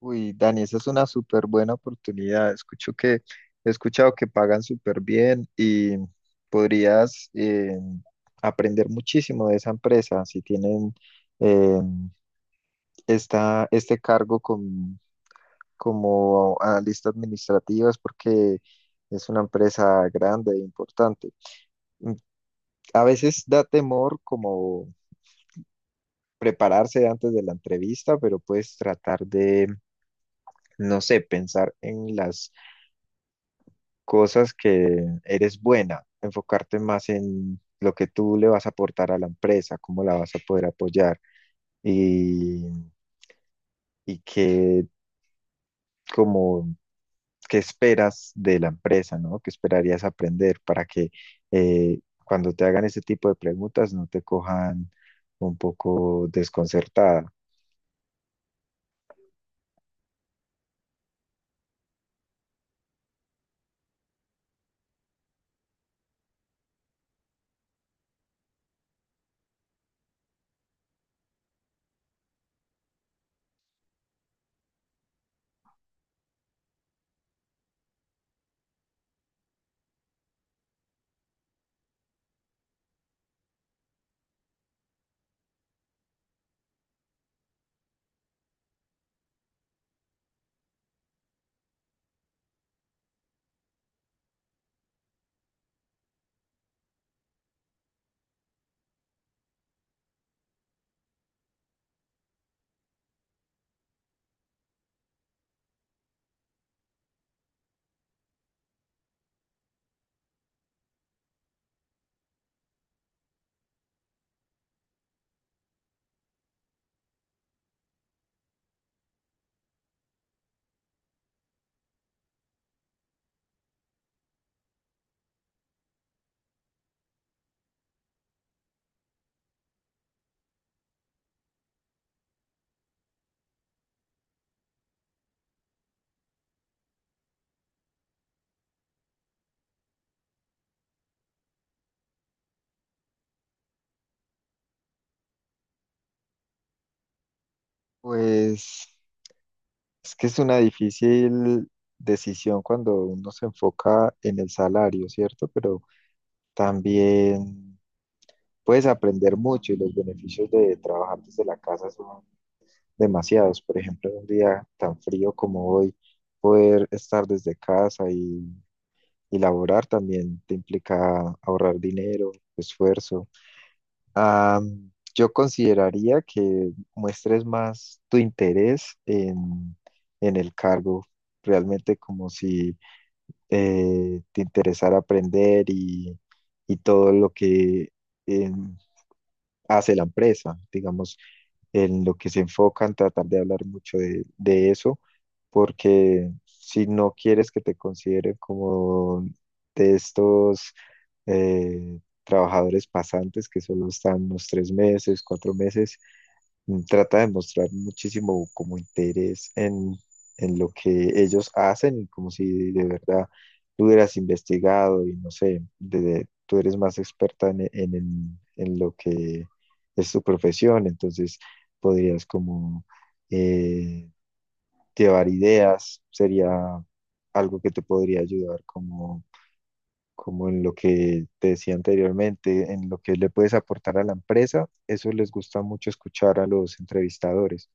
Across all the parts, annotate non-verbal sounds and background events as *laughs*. Uy, Dani, esa es una súper buena oportunidad. He escuchado que pagan súper bien y podrías aprender muchísimo de esa empresa si tienen eh, este cargo como analista administrativa, es porque es una empresa grande e importante. Mm, A veces da temor como prepararse antes de la entrevista, pero puedes tratar de, no sé, pensar en las cosas que eres buena, enfocarte más en lo que tú le vas a aportar a la empresa, cómo la vas a poder apoyar y, y qué, como, qué esperas de la empresa, ¿no? ¿Qué esperarías aprender para que eh, cuando te hagan ese tipo de preguntas no te cojan un poco desconcertada? Pues es que es una difícil decisión cuando uno se enfoca en el salario, ¿cierto? Pero también puedes aprender mucho, y los beneficios de trabajar desde la casa son demasiados. Por ejemplo, en un día tan frío como hoy, poder estar desde casa y laborar también te implica ahorrar dinero, esfuerzo. Ah, yo consideraría que muestres más tu interés en el cargo, realmente como si te interesara aprender y todo lo que... em, hace la empresa. Digamos, en lo que se enfocan, tratar de hablar mucho de eso, porque si no quieres que te consideren como de estos trabajadores pasantes que solo están unos tres meses, cuatro meses, trata de mostrar muchísimo como interés en lo que ellos hacen, como si de verdad tú hubieras investigado y no sé, tú eres más experta en lo que es tu profesión, entonces podrías como eh, llevar ideas, sería algo que te podría ayudar como como en lo que te decía anteriormente, en lo que le puedes aportar a la empresa, eso les gusta mucho escuchar a los entrevistadores.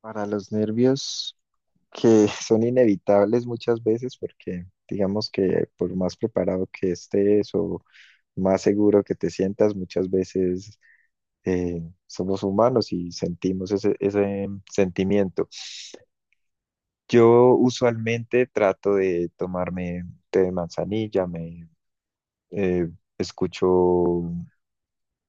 Para los nervios que *laughs* son inevitables muchas veces, porque digamos que por más preparado que estés o más seguro que te sientas, muchas veces eh, somos humanos y sentimos ese sentimiento. Yo usualmente trato de tomarme té de manzanilla, me eh, escucho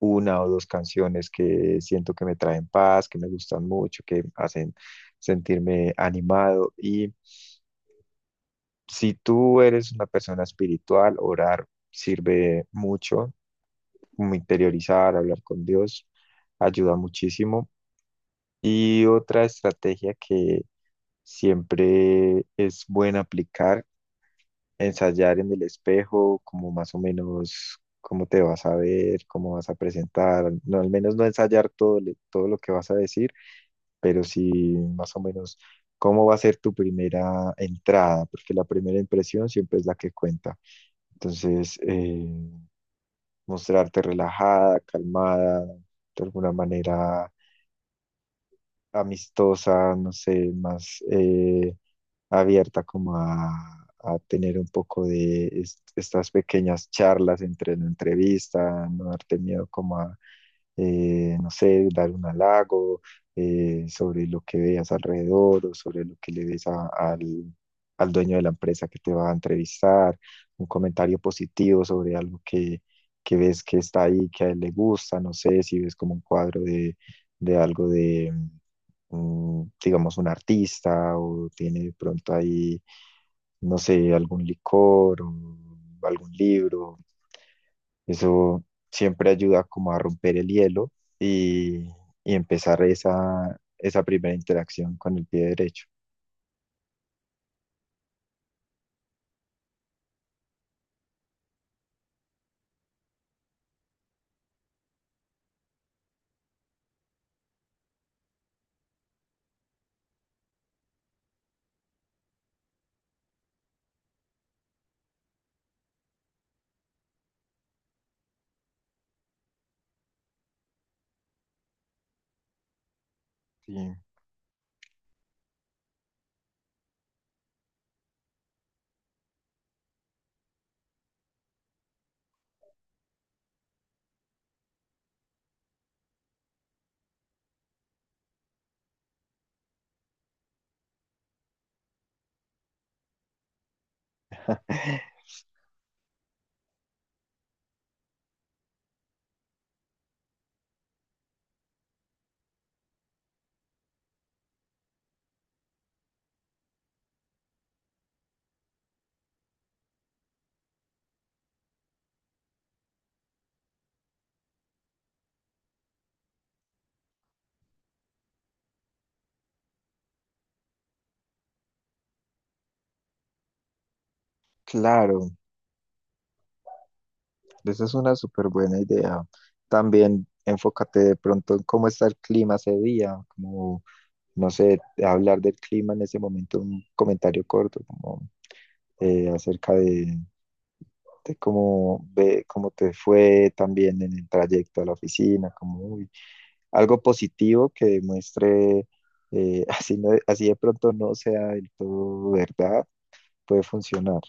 una o dos canciones que siento que me traen paz, que me gustan mucho, que hacen sentirme animado. Y si tú eres una persona espiritual, orar sirve mucho, como interiorizar, hablar con Dios, ayuda muchísimo. Y otra estrategia que siempre es buena aplicar, ensayar en el espejo, como más o menos cómo te vas a ver, cómo vas a presentar, no, al menos no ensayar todo, todo lo que vas a decir, pero sí más o menos cómo va a ser tu primera entrada, porque la primera impresión siempre es la que cuenta. Entonces, mostrarte relajada, calmada, de alguna manera amistosa, no sé, más... abierta como a tener un poco de estas pequeñas charlas entre la entrevista, no darte miedo como no sé, dar un halago sobre lo que veas alrededor o sobre lo que le ves al dueño de la empresa que te va a entrevistar, un comentario positivo sobre algo que ves que está ahí, que a él le gusta, no sé, si ves como un cuadro de algo de, mm, digamos, un artista, o tiene de pronto ahí, no sé, algún licor o algún libro. Eso siempre ayuda como a romper el hielo y, y empezar esa primera interacción con el pie derecho. Sí. *laughs* Claro, esa es una súper buena idea. También enfócate de pronto en cómo está el clima ese día, como, no sé, hablar del clima en ese momento, un comentario corto, como acerca de cómo ve, cómo te fue también en el trayecto a la oficina, como uy, algo positivo que demuestre, *laughs* así, así de pronto no sea del todo verdad, puede funcionar,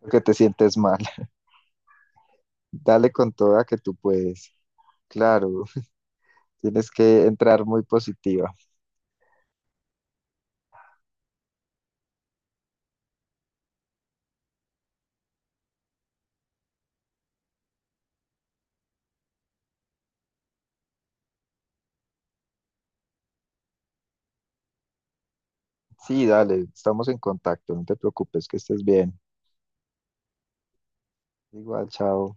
porque te sientes mal. *laughs* Dale con toda, que tú puedes. Claro, *laughs* tienes que entrar muy positiva. Sí, dale, estamos en contacto, no te preocupes, que estés bien. Igual, chao.